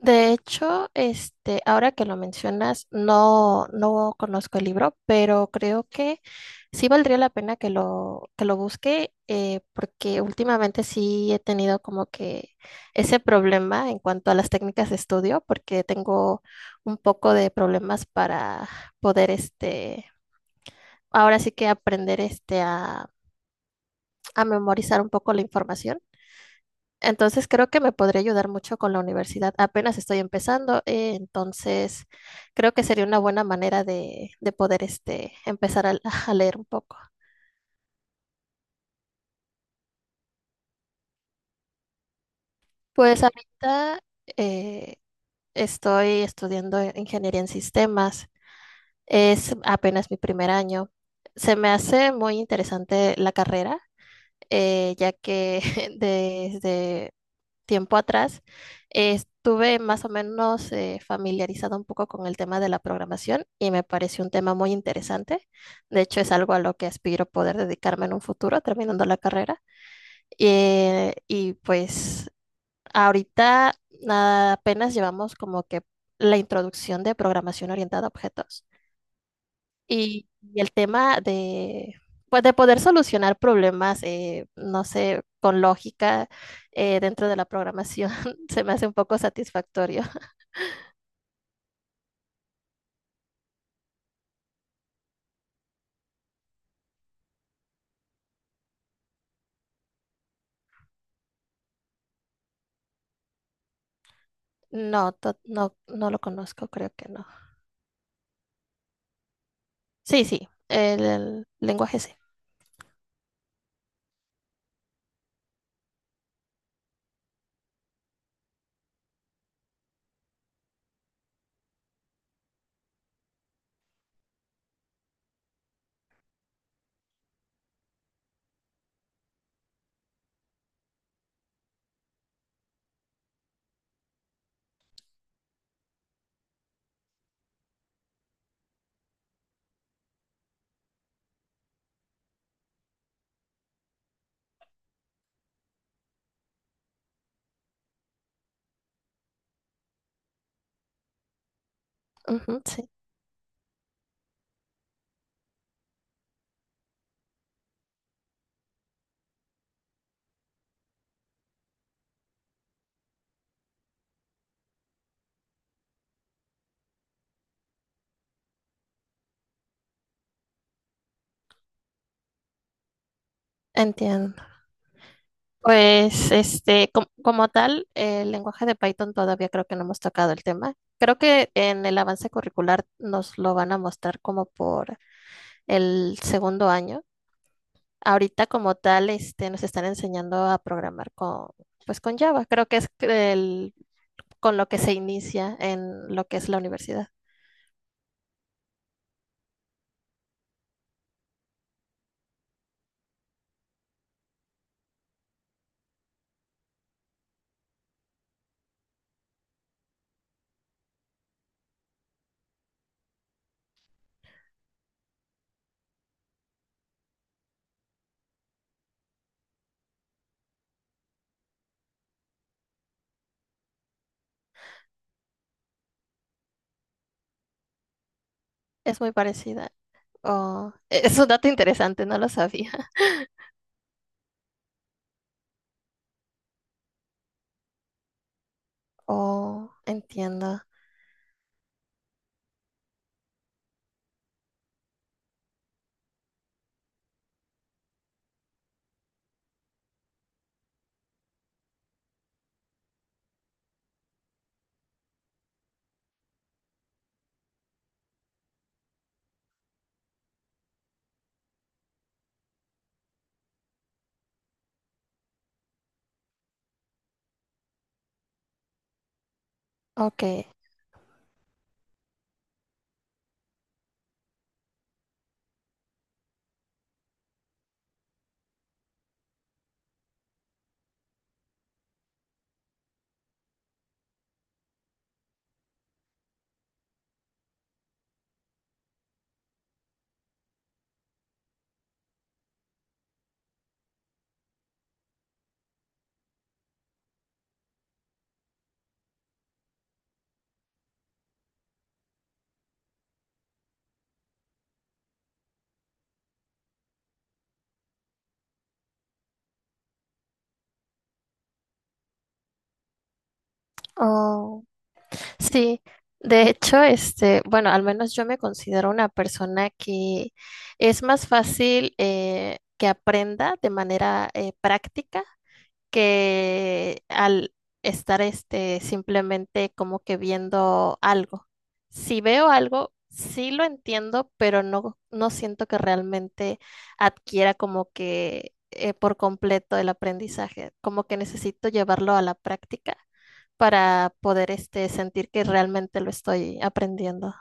De hecho, ahora que lo mencionas, no conozco el libro, pero creo que sí valdría la pena que lo busque, porque últimamente sí he tenido como que ese problema en cuanto a las técnicas de estudio, porque tengo un poco de problemas para poder, ahora sí que aprender, a memorizar un poco la información. Entonces creo que me podría ayudar mucho con la universidad. Apenas estoy empezando, entonces creo que sería una buena manera de poder empezar a, a leer un poco. Pues ahorita eh, estoy estudiando ingeniería en sistemas. Es apenas mi primer año. Se me hace muy interesante la carrera, ya que desde tiempo atrás, estuve más o menos familiarizada un poco con el tema de la programación y me pareció un tema muy interesante. De hecho, es algo a lo que aspiro poder dedicarme en un futuro, terminando la carrera. Y pues ahorita apenas llevamos como que la introducción de programación orientada a objetos. Y, y el tema de, pues de poder solucionar problemas, no sé, con lógica dentro de la programación, se me hace un poco satisfactorio. No, no, no lo conozco, creo que no. Sí, sí, el lenguaje sí. Ujú, sí, entiendo. Pues, como tal, el lenguaje de Python todavía creo que no hemos tocado el tema. Creo que en el avance curricular nos lo van a mostrar como por el segundo año. Ahorita como tal, nos están enseñando a programar con, pues con Java. Creo que es el- Con lo que se inicia en lo que es la universidad. Es muy parecida. Oh, es un dato interesante, no lo sabía. Oh, entiendo. Ok. Oh, sí. De hecho, bueno, al menos yo me considero una persona que es más fácil que aprenda de manera práctica que al estar simplemente como que viendo algo. Si veo algo, sí lo entiendo, pero no siento que realmente adquiera como que por completo el aprendizaje. Como que necesito llevarlo a la práctica para poder sentir que realmente lo estoy aprendiendo.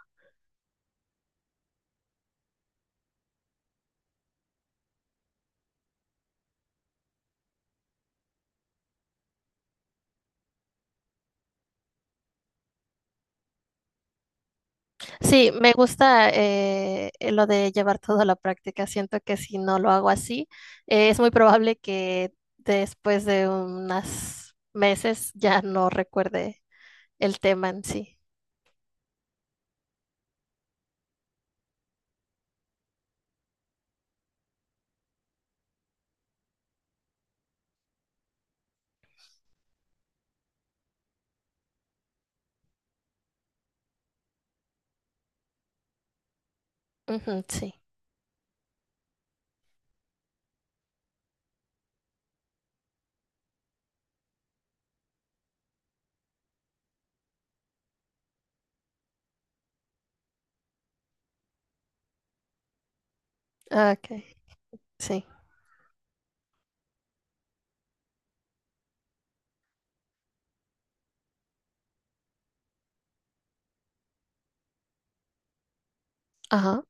Sí, me gusta lo de llevar todo a la práctica. Siento que si no lo hago así, es muy probable que después de unos meses ya no recuerde el tema en sí. Ujú, sí. Ah, Ok, sí. Ajá.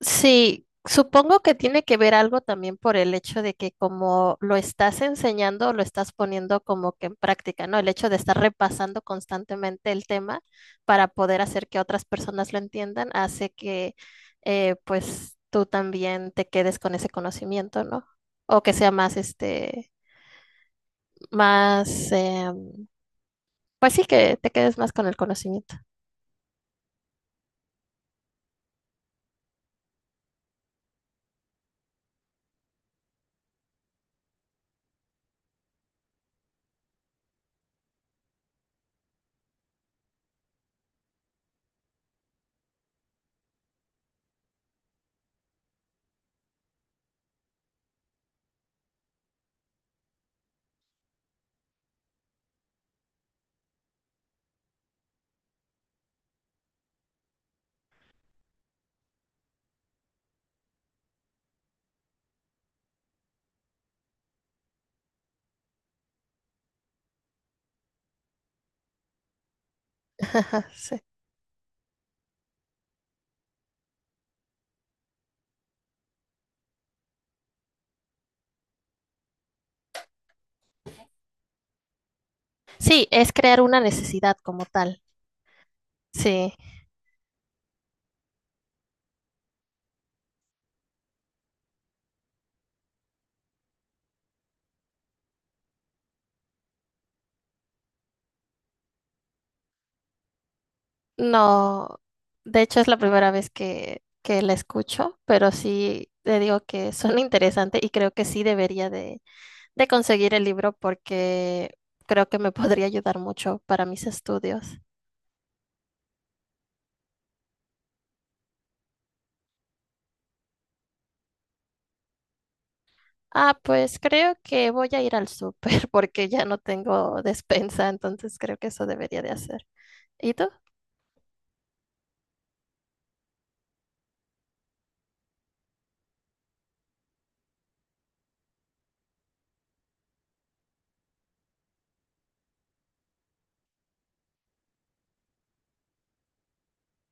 Sí, supongo que tiene que ver algo también por el hecho de que como lo estás enseñando, lo estás poniendo como que en práctica, ¿no? El hecho de estar repasando constantemente el tema para poder hacer que otras personas lo entiendan hace que pues tú también te quedes con ese conocimiento, ¿no? O que sea más, más, pues sí, que te quedes más con el conocimiento. Sí. Sí, es crear una necesidad como tal. Sí. No, de hecho es la primera vez que la escucho, pero sí le digo que suena interesante y creo que sí debería de conseguir el libro porque creo que me podría ayudar mucho para mis estudios. Ah, pues creo que voy a ir al súper porque ya no tengo despensa, entonces creo que eso debería de hacer. ¿Y tú?